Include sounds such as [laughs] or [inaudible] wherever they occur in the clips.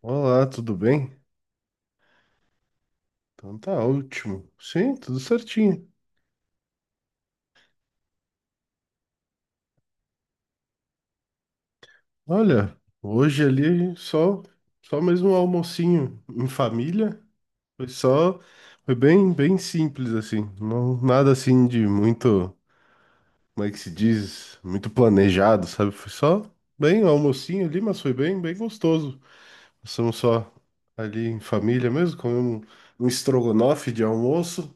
Olá, tudo bem? Então tá ótimo. Sim, tudo certinho. Olha, hoje ali só mesmo um almocinho em família. Foi só foi bem simples assim. Não, nada assim de muito, como é que se diz, muito planejado, sabe? Foi só bem um almocinho ali, mas foi bem gostoso. Passamos só ali em família mesmo, comemos um estrogonofe de almoço.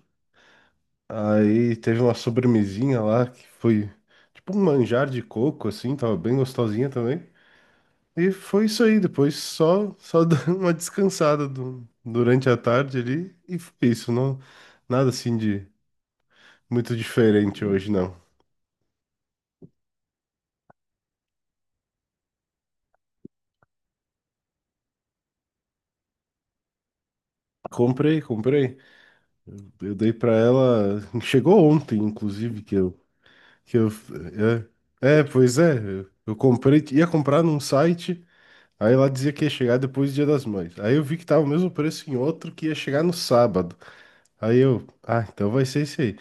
Aí teve uma sobremesinha lá que foi tipo um manjar de coco, assim, tava bem gostosinha também. E foi isso aí, depois só [laughs] dando uma descansada durante a tarde ali e foi isso, não nada assim de muito diferente hoje não. Comprei, comprei. Eu dei pra ela, chegou ontem inclusive. Que eu é, é, Pois é, eu comprei, ia comprar num site. Aí lá dizia que ia chegar depois do Dia das Mães. Aí eu vi que tava o mesmo preço em outro que ia chegar no sábado. Aí eu, ah, então vai ser esse aí.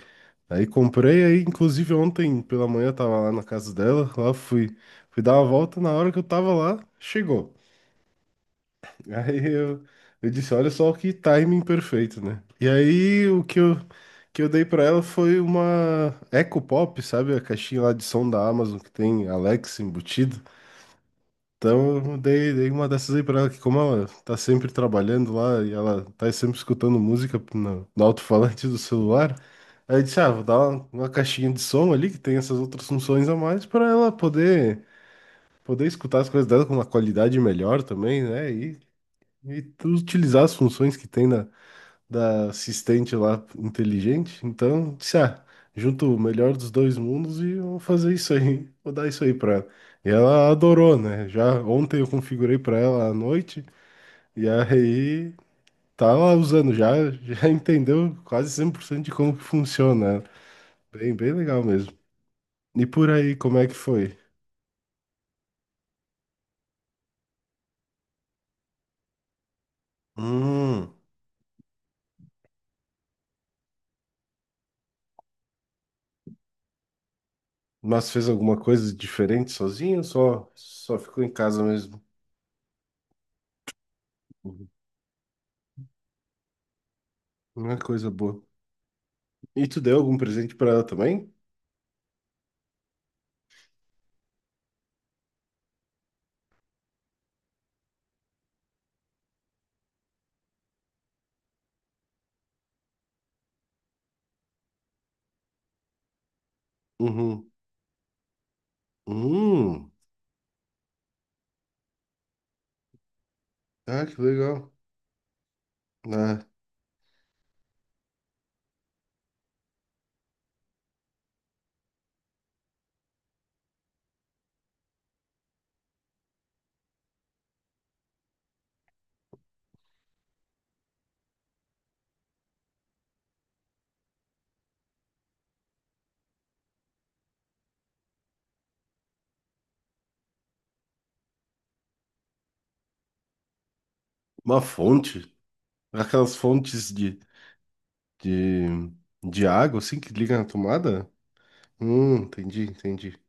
Aí comprei, aí inclusive ontem pela manhã eu tava lá na casa dela, lá fui dar uma volta, na hora que eu tava lá, chegou. [laughs] Aí eu, disse, olha só que timing perfeito, né? E aí que eu dei pra ela foi uma Echo Pop, sabe? A caixinha lá de som da Amazon que tem Alexa embutido. Então, eu dei uma dessas aí pra ela, que como ela tá sempre trabalhando lá e ela tá sempre escutando música no alto-falante do celular. Aí eu disse, ah, vou dar uma caixinha de som ali que tem essas outras funções a mais pra ela poder escutar as coisas dela com uma qualidade melhor também, né? E tu utilizar as funções que tem na, da assistente lá inteligente. Então, disse, ah, junto o melhor dos dois mundos e vou fazer isso aí, [laughs] vou dar isso aí pra ela. E ela adorou, né? Já ontem eu configurei pra ela à noite e aí tá lá usando já, [laughs] já entendeu quase 100% de como que funciona. Bem, bem legal mesmo. E por aí, como é que foi? Hum, mas fez alguma coisa diferente sozinho, ou só ficou em casa mesmo? Uhum. Uma coisa boa. E tu deu algum presente pra ela também? Uhum. Hum, ah, que legal. É, uma fonte, aquelas fontes de, de água, assim, que liga na tomada? Entendi, entendi.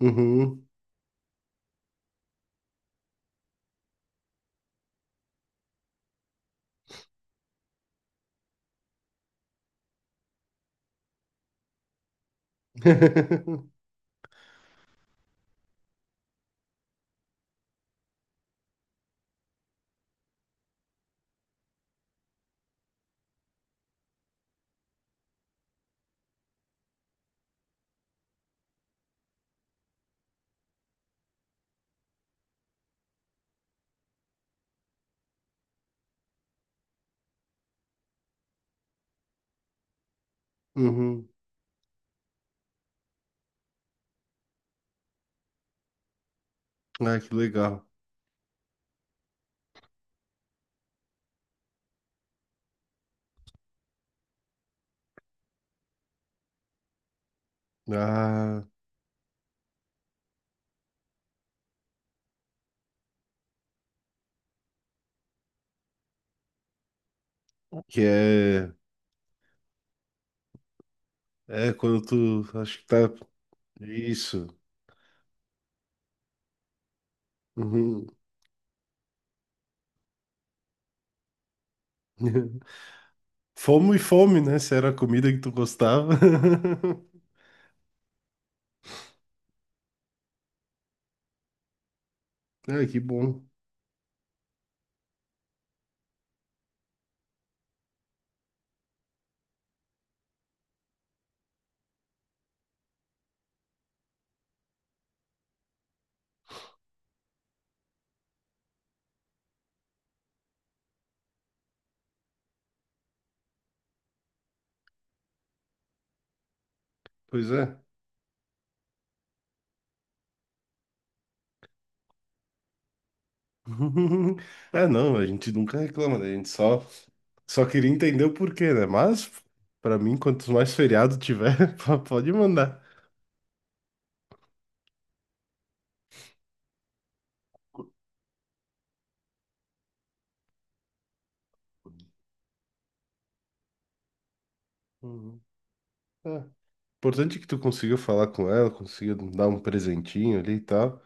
Uhum. [laughs] Uhum. Ah, que legal. Ah, que é quando tu, acho que tá, isso. Uhum. [laughs] Fome e fome, né? Se era a comida que tu gostava. [laughs] Ah, que bom. Pois é. [laughs] É, não, a gente nunca reclama, né? A gente só queria entender o porquê, né? Mas, pra mim, quantos mais feriado tiver, [laughs] pode mandar. Uhum. É. Importante é que tu consiga falar com ela, consiga dar um presentinho ali e tal.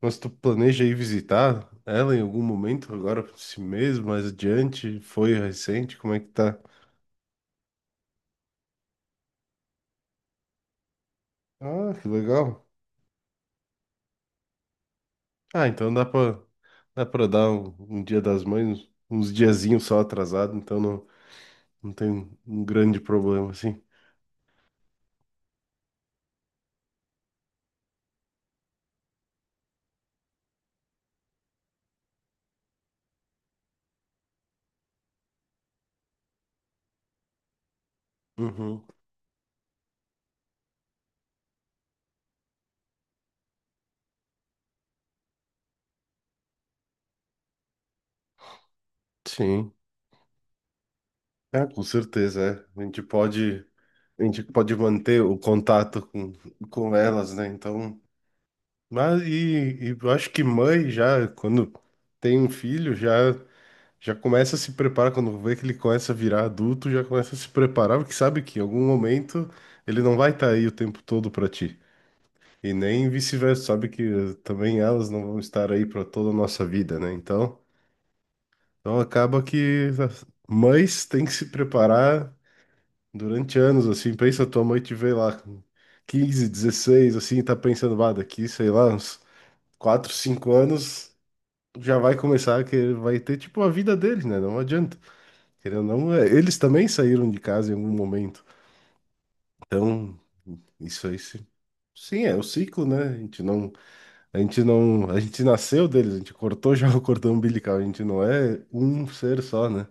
Mas tu planeja ir visitar ela em algum momento, agora, esse mês, mais adiante? Foi recente? Como é que tá? Ah, que legal. Ah, então dá pra dar um Dia das Mães, uns diazinhos só atrasado, então não. Não tem um grande problema, assim. Uhum. Sim, é, com certeza, é. A gente pode manter o contato com elas, né? Então, mas e eu acho que mãe já, quando tem um filho, já começa a se preparar, quando vê que ele começa a virar adulto, já começa a se preparar, porque sabe que em algum momento ele não vai estar aí o tempo todo para ti. E nem vice-versa, sabe que também elas não vão estar aí para toda a nossa vida, né? Então, então acaba que as mães têm que se preparar durante anos, assim. Pensa, tua mãe te vê lá com 15, 16, assim, e tá pensando, ah, daqui, sei lá, uns 4, 5 anos já vai começar, que vai ter, tipo, a vida deles, né? Não adianta. Querendo ou não, é, eles também saíram de casa em algum momento. Então, isso aí, sim. Sim, é o ciclo, né? A gente não, a gente nasceu deles, a gente cortou já o cordão umbilical, a gente não é um ser só, né?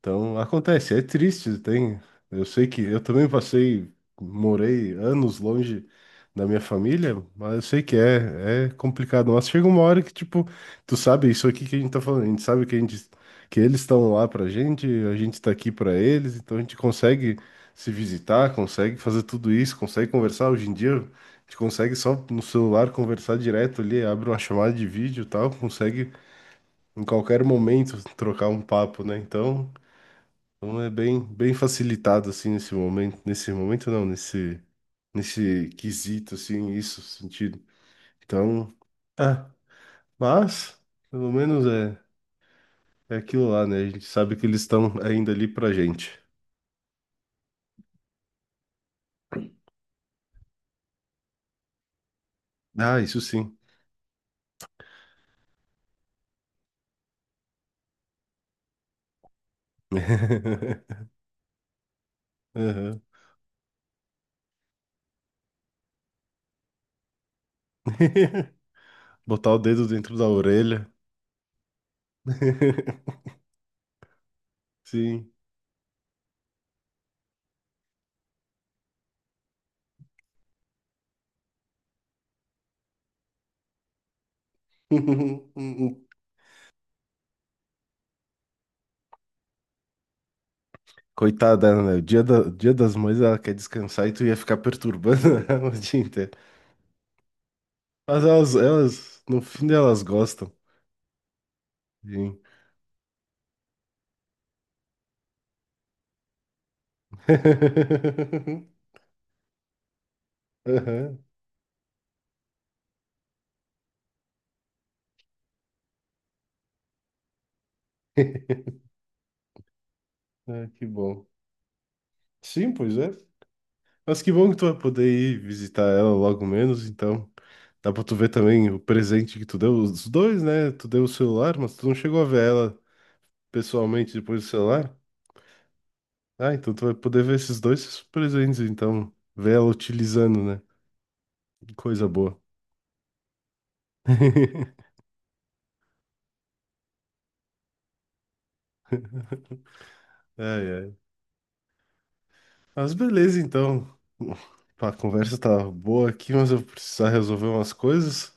Então acontece, é triste, tem. Eu sei que eu também passei, morei anos longe da minha família, mas eu sei que é complicado. Mas chega uma hora que, tipo, tu sabe isso aqui que a gente tá falando, a gente sabe que eles estão lá pra gente, a gente tá aqui pra eles, então a gente consegue se visitar, consegue fazer tudo isso, consegue conversar. Hoje em dia, a gente consegue só no celular conversar direto ali, abre uma chamada de vídeo e tal, consegue em qualquer momento trocar um papo, né? Então Então é bem, bem facilitado assim nesse momento não, nesse quesito assim, isso sentido. Então, ah, mas pelo menos é aquilo lá, né? A gente sabe que eles estão ainda ali pra gente. Ah, isso sim. [laughs] Aham. [laughs] Botar o dedo dentro da orelha. [laughs] Sim. [laughs] Coitada, né? Dia das Mães, ela quer descansar e tu ia ficar perturbando [laughs] ela o dia inteiro. Mas elas, no fim elas gostam. Sim. [laughs] Aham. Ah, que bom. Sim, pois é. Mas que bom que tu vai poder ir visitar ela logo menos, então. Dá pra tu ver também o presente que tu deu, os dois, né? Tu deu o celular, mas tu não chegou a ver ela pessoalmente depois do celular. Ah, então tu vai poder ver esses dois presentes, então. Ver ela utilizando, né? Coisa boa. [laughs] Ai, ai. Mas beleza, então. Pá, a conversa tá boa aqui, mas eu vou precisar resolver umas coisas,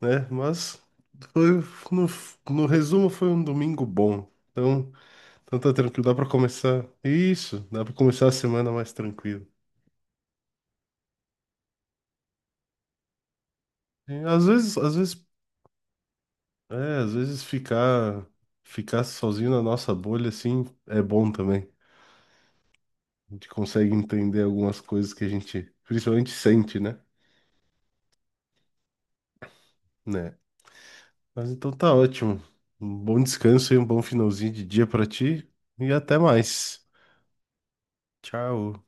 né? Mas foi, no, no resumo foi um domingo bom. Então, tá tranquilo, dá pra começar. Isso, dá pra começar a semana mais tranquilo. E às vezes ficar sozinho na nossa bolha assim é bom também. A gente consegue entender algumas coisas que a gente principalmente sente, né? Né? Mas então tá ótimo. Um bom descanso e um bom finalzinho de dia pra ti. E até mais. Tchau.